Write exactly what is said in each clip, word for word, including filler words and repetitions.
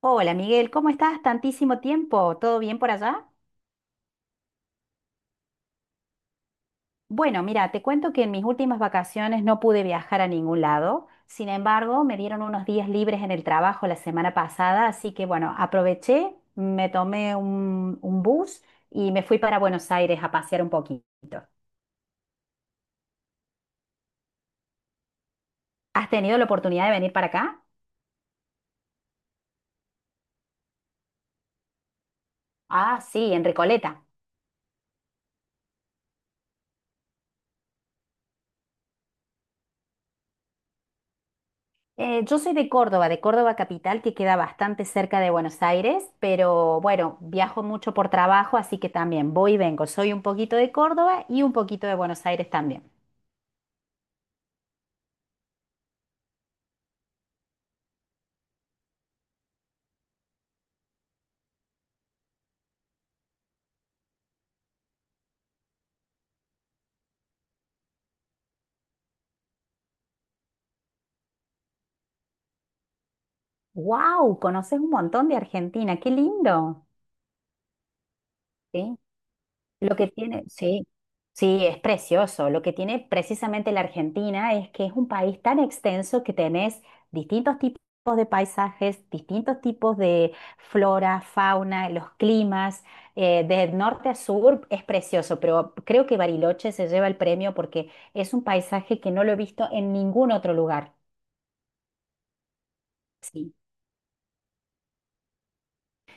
Hola Miguel, ¿cómo estás? Tantísimo tiempo, ¿todo bien por allá? Bueno, mira, te cuento que en mis últimas vacaciones no pude viajar a ningún lado, sin embargo, me dieron unos días libres en el trabajo la semana pasada, así que bueno, aproveché, me tomé un, un bus y me fui para Buenos Aires a pasear un poquito. ¿Has tenido la oportunidad de venir para acá? Ah, sí, en Recoleta. Eh, yo soy de Córdoba, de Córdoba capital, que queda bastante cerca de Buenos Aires, pero bueno, viajo mucho por trabajo, así que también voy y vengo. Soy un poquito de Córdoba y un poquito de Buenos Aires también. ¡Wow! Conoces un montón de Argentina, qué lindo. Sí. Lo que tiene, sí, sí, es precioso. Lo que tiene precisamente la Argentina es que es un país tan extenso que tenés distintos tipos de paisajes, distintos tipos de flora, fauna, los climas, eh, de norte a sur es precioso, pero creo que Bariloche se lleva el premio porque es un paisaje que no lo he visto en ningún otro lugar. Sí.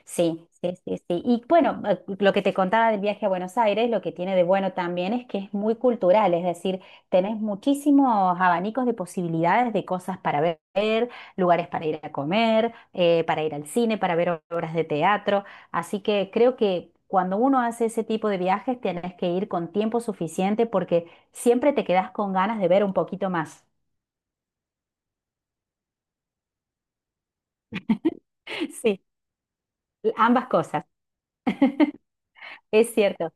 Sí, sí, sí, sí. Y bueno, eh, lo que te contaba del viaje a Buenos Aires, lo que tiene de bueno también es que es muy cultural, es decir, tenés muchísimos abanicos de posibilidades de cosas para ver, lugares para ir a comer, eh, para ir al cine, para ver obras de teatro. Así que creo que cuando uno hace ese tipo de viajes, tenés que ir con tiempo suficiente porque siempre te quedás con ganas de ver un poquito más. Sí, ambas cosas, es cierto.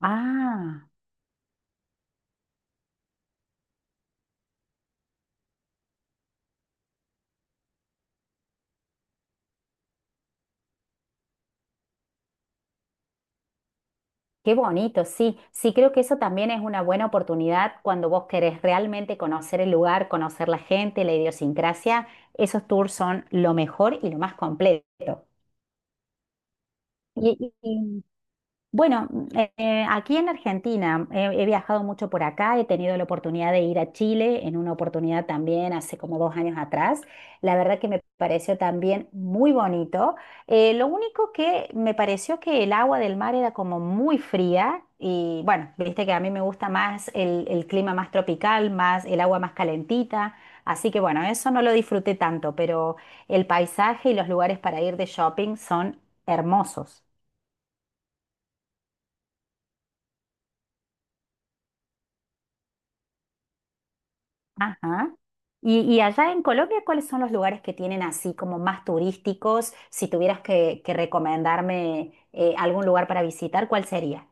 Ah. Qué bonito, sí, sí creo que eso también es una buena oportunidad cuando vos querés realmente conocer el lugar, conocer la gente, la idiosincrasia, esos tours son lo mejor y lo más completo. Y, y- bueno, eh, aquí en Argentina he, he viajado mucho por acá, he tenido la oportunidad de ir a Chile en una oportunidad también hace como dos años atrás. La verdad que me pareció también muy bonito. Eh, lo único que me pareció que el agua del mar era como muy fría y bueno, viste que a mí me gusta más el, el clima más tropical, más el agua más calentita. Así que bueno, eso no lo disfruté tanto, pero el paisaje y los lugares para ir de shopping son hermosos. Ajá. Y, y allá en Colombia, ¿cuáles son los lugares que tienen así como más turísticos? Si tuvieras que, que recomendarme eh, algún lugar para visitar, ¿cuál sería?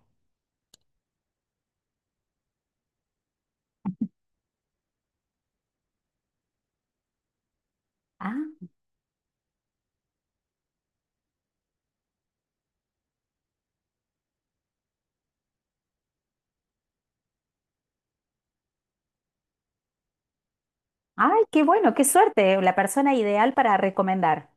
Ah, ay, qué bueno, qué suerte, la persona ideal para recomendar.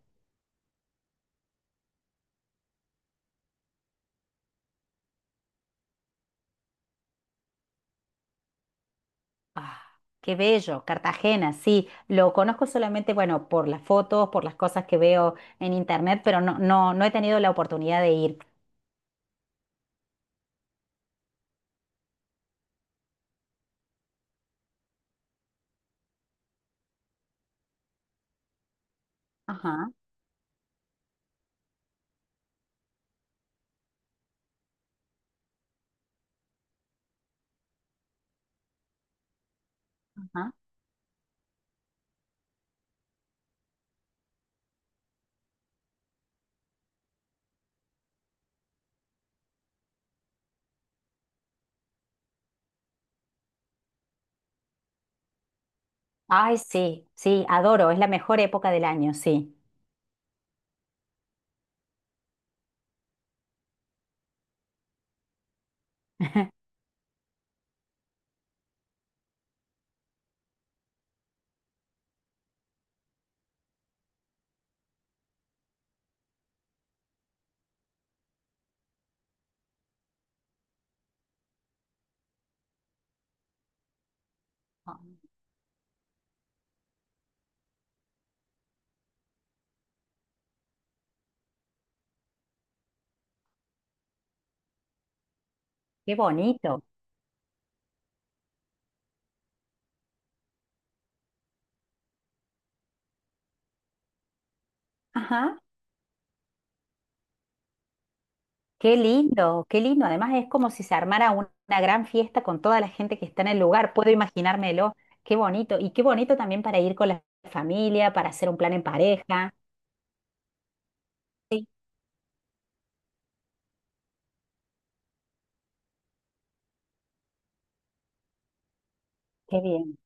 Ah, qué bello, Cartagena, sí, lo conozco solamente, bueno, por las fotos, por las cosas que veo en internet, pero no, no, no he tenido la oportunidad de ir. Ajá, ajá. Ay, sí, sí, adoro, es la mejor época del año, sí. Ah, qué bonito. Ajá. Qué lindo, qué lindo. Además es como si se armara un- una gran fiesta con toda la gente que está en el lugar. Puedo imaginármelo. Qué bonito. Y qué bonito también para ir con la familia, para hacer un plan en pareja. Sí. Qué bien.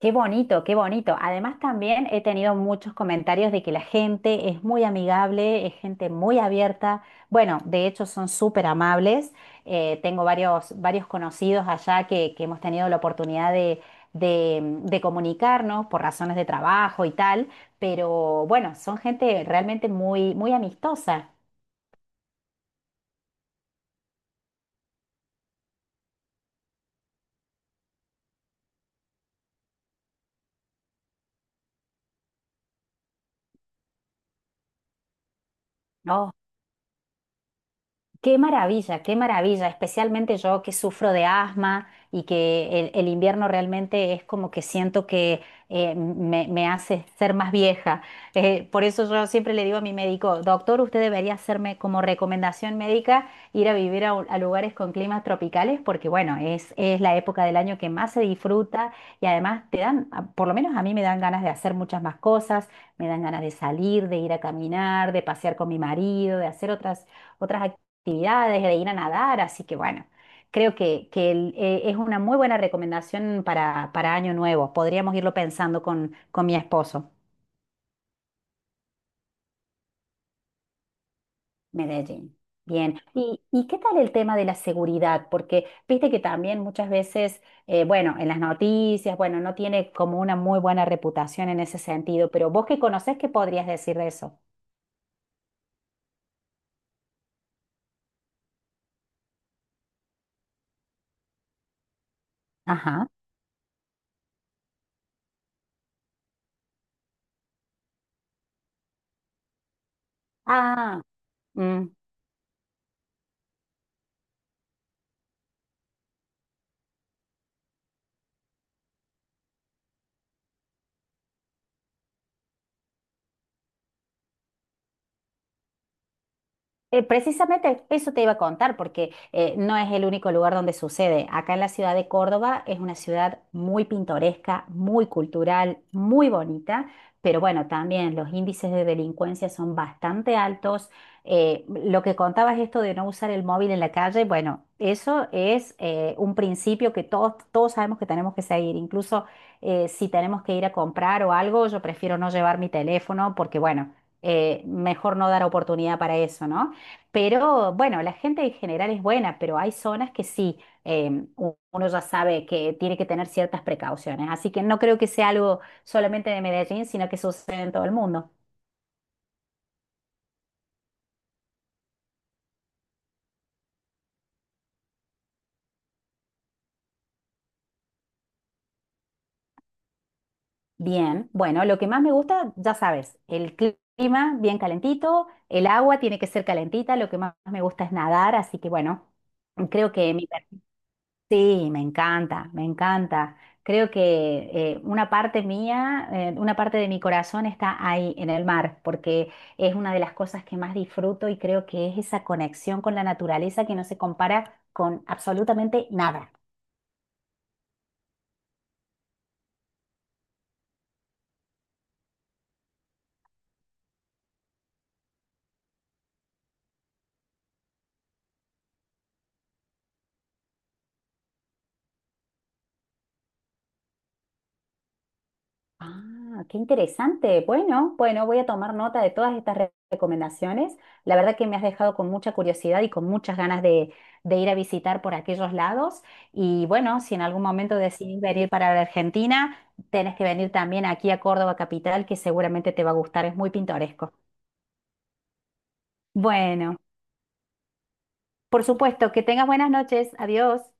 Qué bonito, qué bonito. Además, también he tenido muchos comentarios de que la gente es muy amigable, es gente muy abierta. Bueno, de hecho son súper amables. Eh, tengo varios, varios conocidos allá que, que hemos tenido la oportunidad de, de, de comunicarnos por razones de trabajo y tal, pero bueno, son gente realmente muy, muy amistosa. ¿No? Qué maravilla, qué maravilla, especialmente yo que sufro de asma y que el, el invierno realmente es como que siento que eh, me, me hace ser más vieja. Eh, por eso yo siempre le digo a mi médico, doctor, usted debería hacerme como recomendación médica ir a vivir a, un- a lugares con climas tropicales porque bueno, es, es la época del año que más se disfruta y además te dan, a- por lo menos a mí me dan ganas de hacer muchas más cosas, me dan ganas de salir, de ir a caminar, de pasear con mi marido, de hacer otras otras actividades, de ir a nadar, así que bueno, creo que, que el- eh, es una muy buena recomendación para, para Año Nuevo. Podríamos irlo pensando con, con mi esposo. Medellín. Bien, ¿y, y qué tal el tema de la seguridad? Porque viste que también muchas veces, eh, bueno, en las noticias, bueno, no tiene como una muy buena reputación en ese sentido, pero vos que conocés, ¿qué podrías decir de eso? Ajá. Ah, mm, Eh, precisamente eso te iba a contar, porque eh, no es el único lugar donde sucede. Acá en la ciudad de Córdoba es una ciudad muy pintoresca, muy cultural, muy bonita, pero bueno, también los índices de delincuencia son bastante altos. Eh, lo que contabas esto de no usar el móvil en la calle, bueno, eso es eh, un principio que todos, todos sabemos que tenemos que seguir. Incluso eh, si tenemos que ir a comprar o algo, yo prefiero no llevar mi teléfono porque bueno, eh, mejor no dar oportunidad para eso, ¿no? Pero bueno, la gente en general es buena, pero hay zonas que sí, em, u- uno ya sabe que tiene que tener ciertas precauciones. Así que no creo que sea algo solamente de Medellín, sino que sucede en todo el mundo. Bien, bueno, lo que más me gusta, ya sabes, el clima bien calentito, el agua tiene que ser calentita, lo que más me gusta es nadar, así que bueno, creo que mi Sí, me encanta, me encanta. Creo que eh, una parte mía, eh, una parte de mi corazón está ahí en el mar, porque es una de las cosas que más disfruto y creo que es esa conexión con la naturaleza que no se compara con absolutamente nada. Ah, qué interesante. Bueno, bueno, voy a tomar nota de todas estas re- recomendaciones. La verdad que me has dejado con mucha curiosidad y con muchas ganas de, de ir a visitar por aquellos lados. Y bueno, si en algún momento decidís venir para la Argentina, tenés que venir también aquí a Córdoba Capital, que seguramente te va a gustar, es muy pintoresco. Bueno, por supuesto, que tengas buenas noches. Adiós.